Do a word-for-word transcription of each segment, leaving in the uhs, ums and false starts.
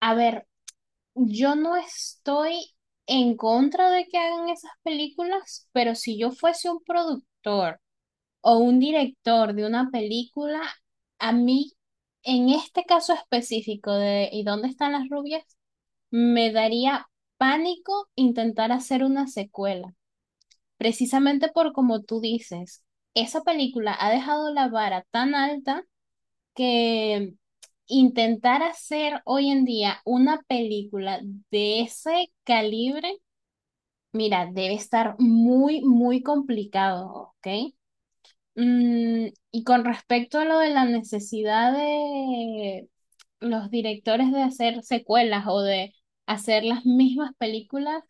A ver, yo no estoy en contra de que hagan esas películas, pero si yo fuese un productor o un director de una película, a mí, en este caso específico de ¿Y dónde están las rubias? Me daría pánico intentar hacer una secuela, precisamente por como tú dices, esa película ha dejado la vara tan alta que intentar hacer hoy en día una película de ese calibre, mira, debe estar muy, muy complicado, ¿ok? Mm, y con respecto a lo de la necesidad de los directores de hacer secuelas o de hacer las mismas películas,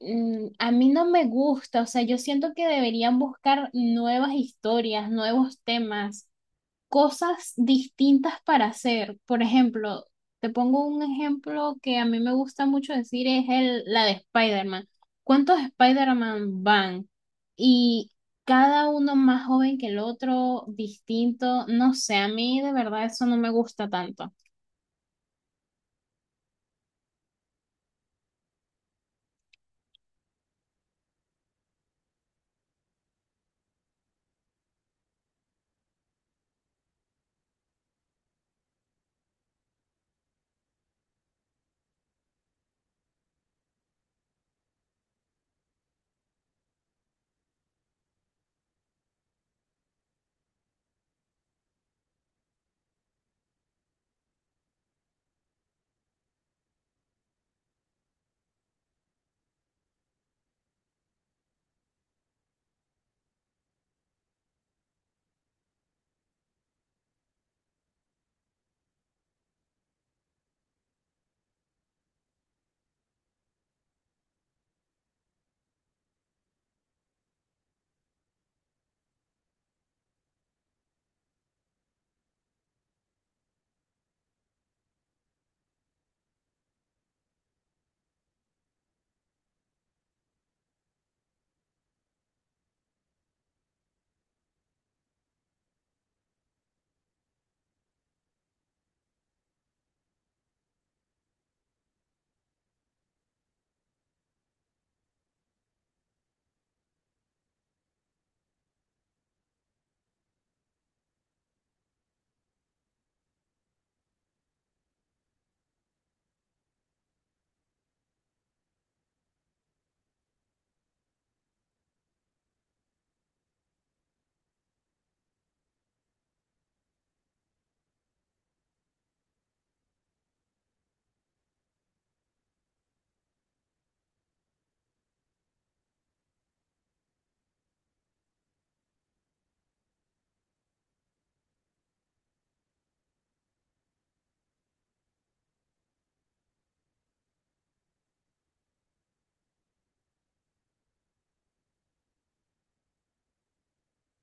mm, a mí no me gusta, o sea, yo siento que deberían buscar nuevas historias, nuevos temas, cosas distintas para hacer. Por ejemplo, te pongo un ejemplo que a mí me gusta mucho decir, es el, la de Spider-Man. ¿Cuántos Spider-Man van? Y cada uno más joven que el otro, distinto. No sé, a mí de verdad eso no me gusta tanto.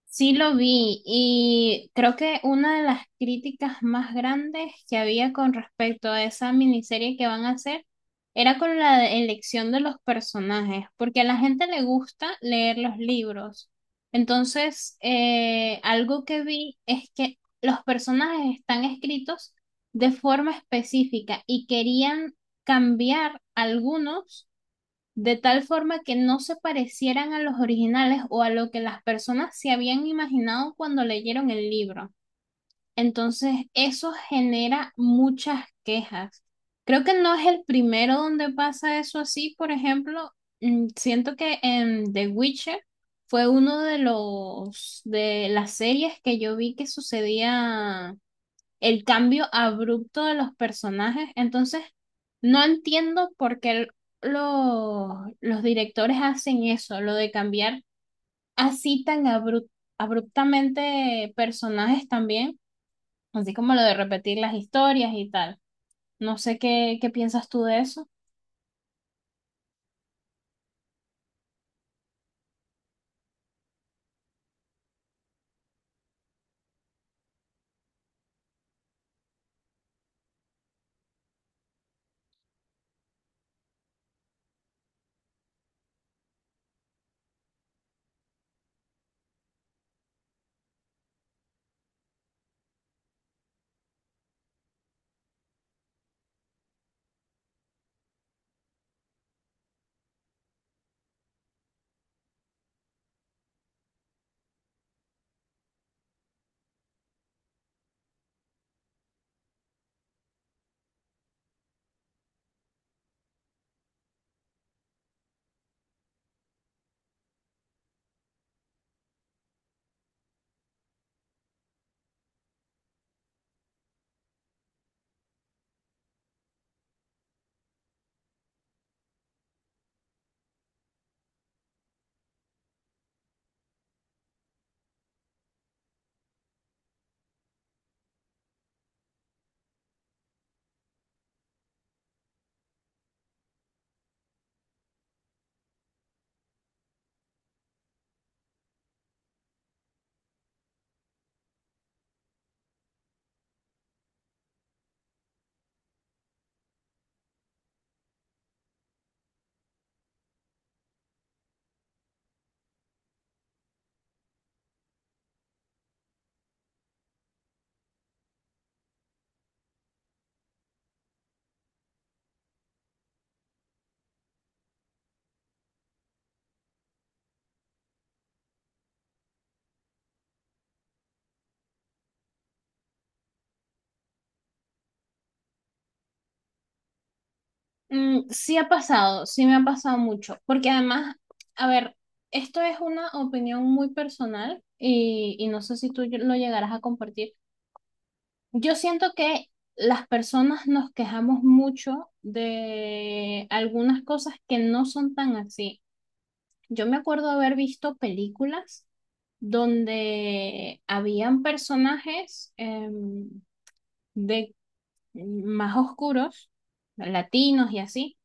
Sí lo vi y creo que una de las críticas más grandes que había con respecto a esa miniserie que van a hacer era con la de- elección de los personajes, porque a la gente le gusta leer los libros. Entonces, eh, algo que vi es que los personajes están escritos de forma específica y querían cambiar algunos de tal forma que no se parecieran a los originales o a lo que las personas se habían imaginado cuando leyeron el libro. Entonces, eso genera muchas quejas. Creo que no es el primero donde pasa eso así, por ejemplo, mm, siento que en The Witcher fue uno de los de las series que yo vi que sucedía el cambio abrupto de los personajes. Entonces, no entiendo por qué el- lo- los directores hacen eso, lo de cambiar así tan abru- abruptamente personajes también, así como lo de repetir las historias y tal. No sé qué, qué piensas tú de eso. Mm, sí ha pasado, sí me ha pasado mucho, porque además, a ver, esto es una opinión muy personal y, y no sé si tú lo llegarás a compartir. Yo siento que las personas nos quejamos mucho de algunas cosas que no son tan así. Yo me acuerdo haber visto películas donde habían personajes em, de mm, más oscuros, latinos y así,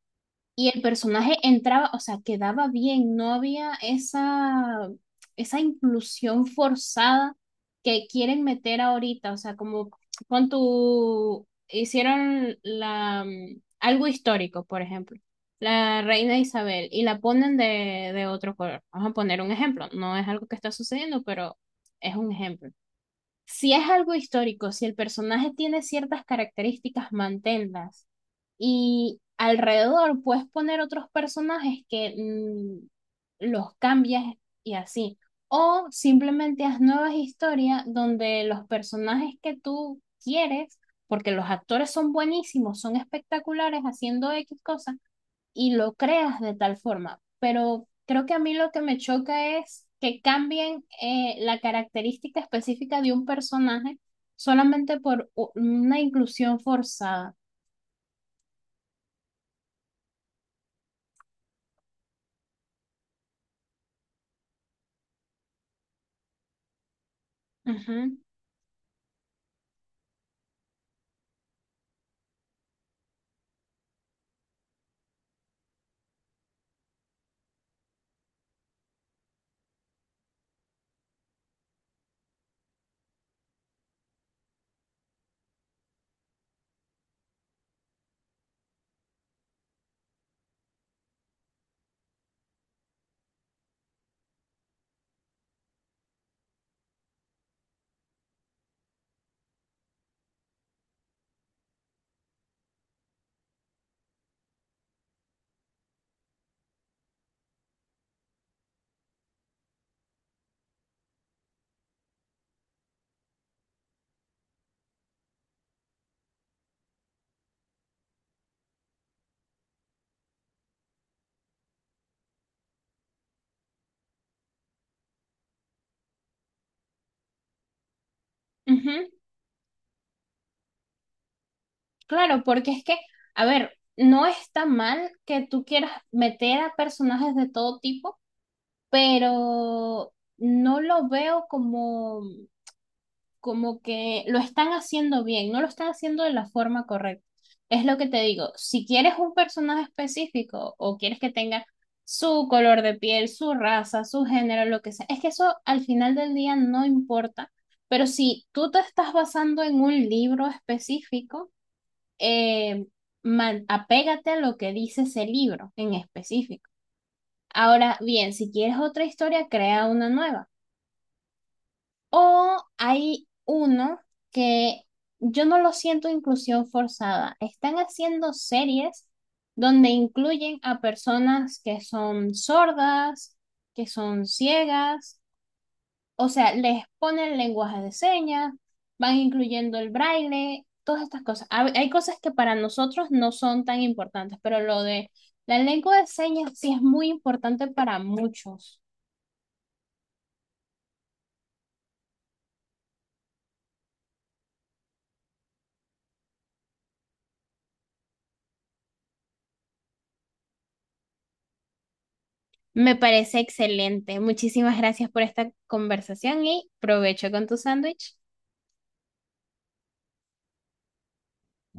y el personaje entraba, o sea, quedaba bien, no había esa, esa inclusión forzada que quieren meter ahorita, o sea, como con tu, hicieron la, mm, algo histórico, por ejemplo, la reina Isabel, y la ponen de, de otro color. Vamos a poner un ejemplo, no es algo que está sucediendo, pero es un ejemplo. Si es algo histórico, si el personaje tiene ciertas características, manténlas y alrededor puedes poner otros personajes que mm, los cambias y así. O simplemente haz nuevas historias donde los personajes que tú quieres, porque los actores son buenísimos, son espectaculares haciendo X cosas, y lo creas de tal forma. Pero creo que a mí lo que me choca es que cambien eh, la característica específica de un personaje solamente por u- una inclusión forzada. Ujú, ujú. Claro, porque es que, a ver, no está mal que tú quieras meter a personajes de todo tipo, pero no lo veo como, como que lo están haciendo bien, no lo están haciendo de la forma correcta. Es lo que te digo, si quieres un personaje específico o quieres que tenga su color de piel, su raza, su género, lo que sea, es que eso al final del día no importa, pero si tú te estás basando en un libro específico, eh, man- apégate a lo que dice ese libro en específico. Ahora bien, si quieres otra historia, crea una nueva. O hay uno que yo no lo siento inclusión forzada. Están haciendo series donde incluyen a personas que son sordas, que son ciegas, o sea, les ponen lenguaje de señas, van incluyendo el braille, todas estas cosas. Hab- Hay cosas que para nosotros no son tan importantes, pero lo de la lengua de señas sí es muy importante para muchos. Me parece excelente. Muchísimas gracias por esta conversación y provecho con tu sándwich.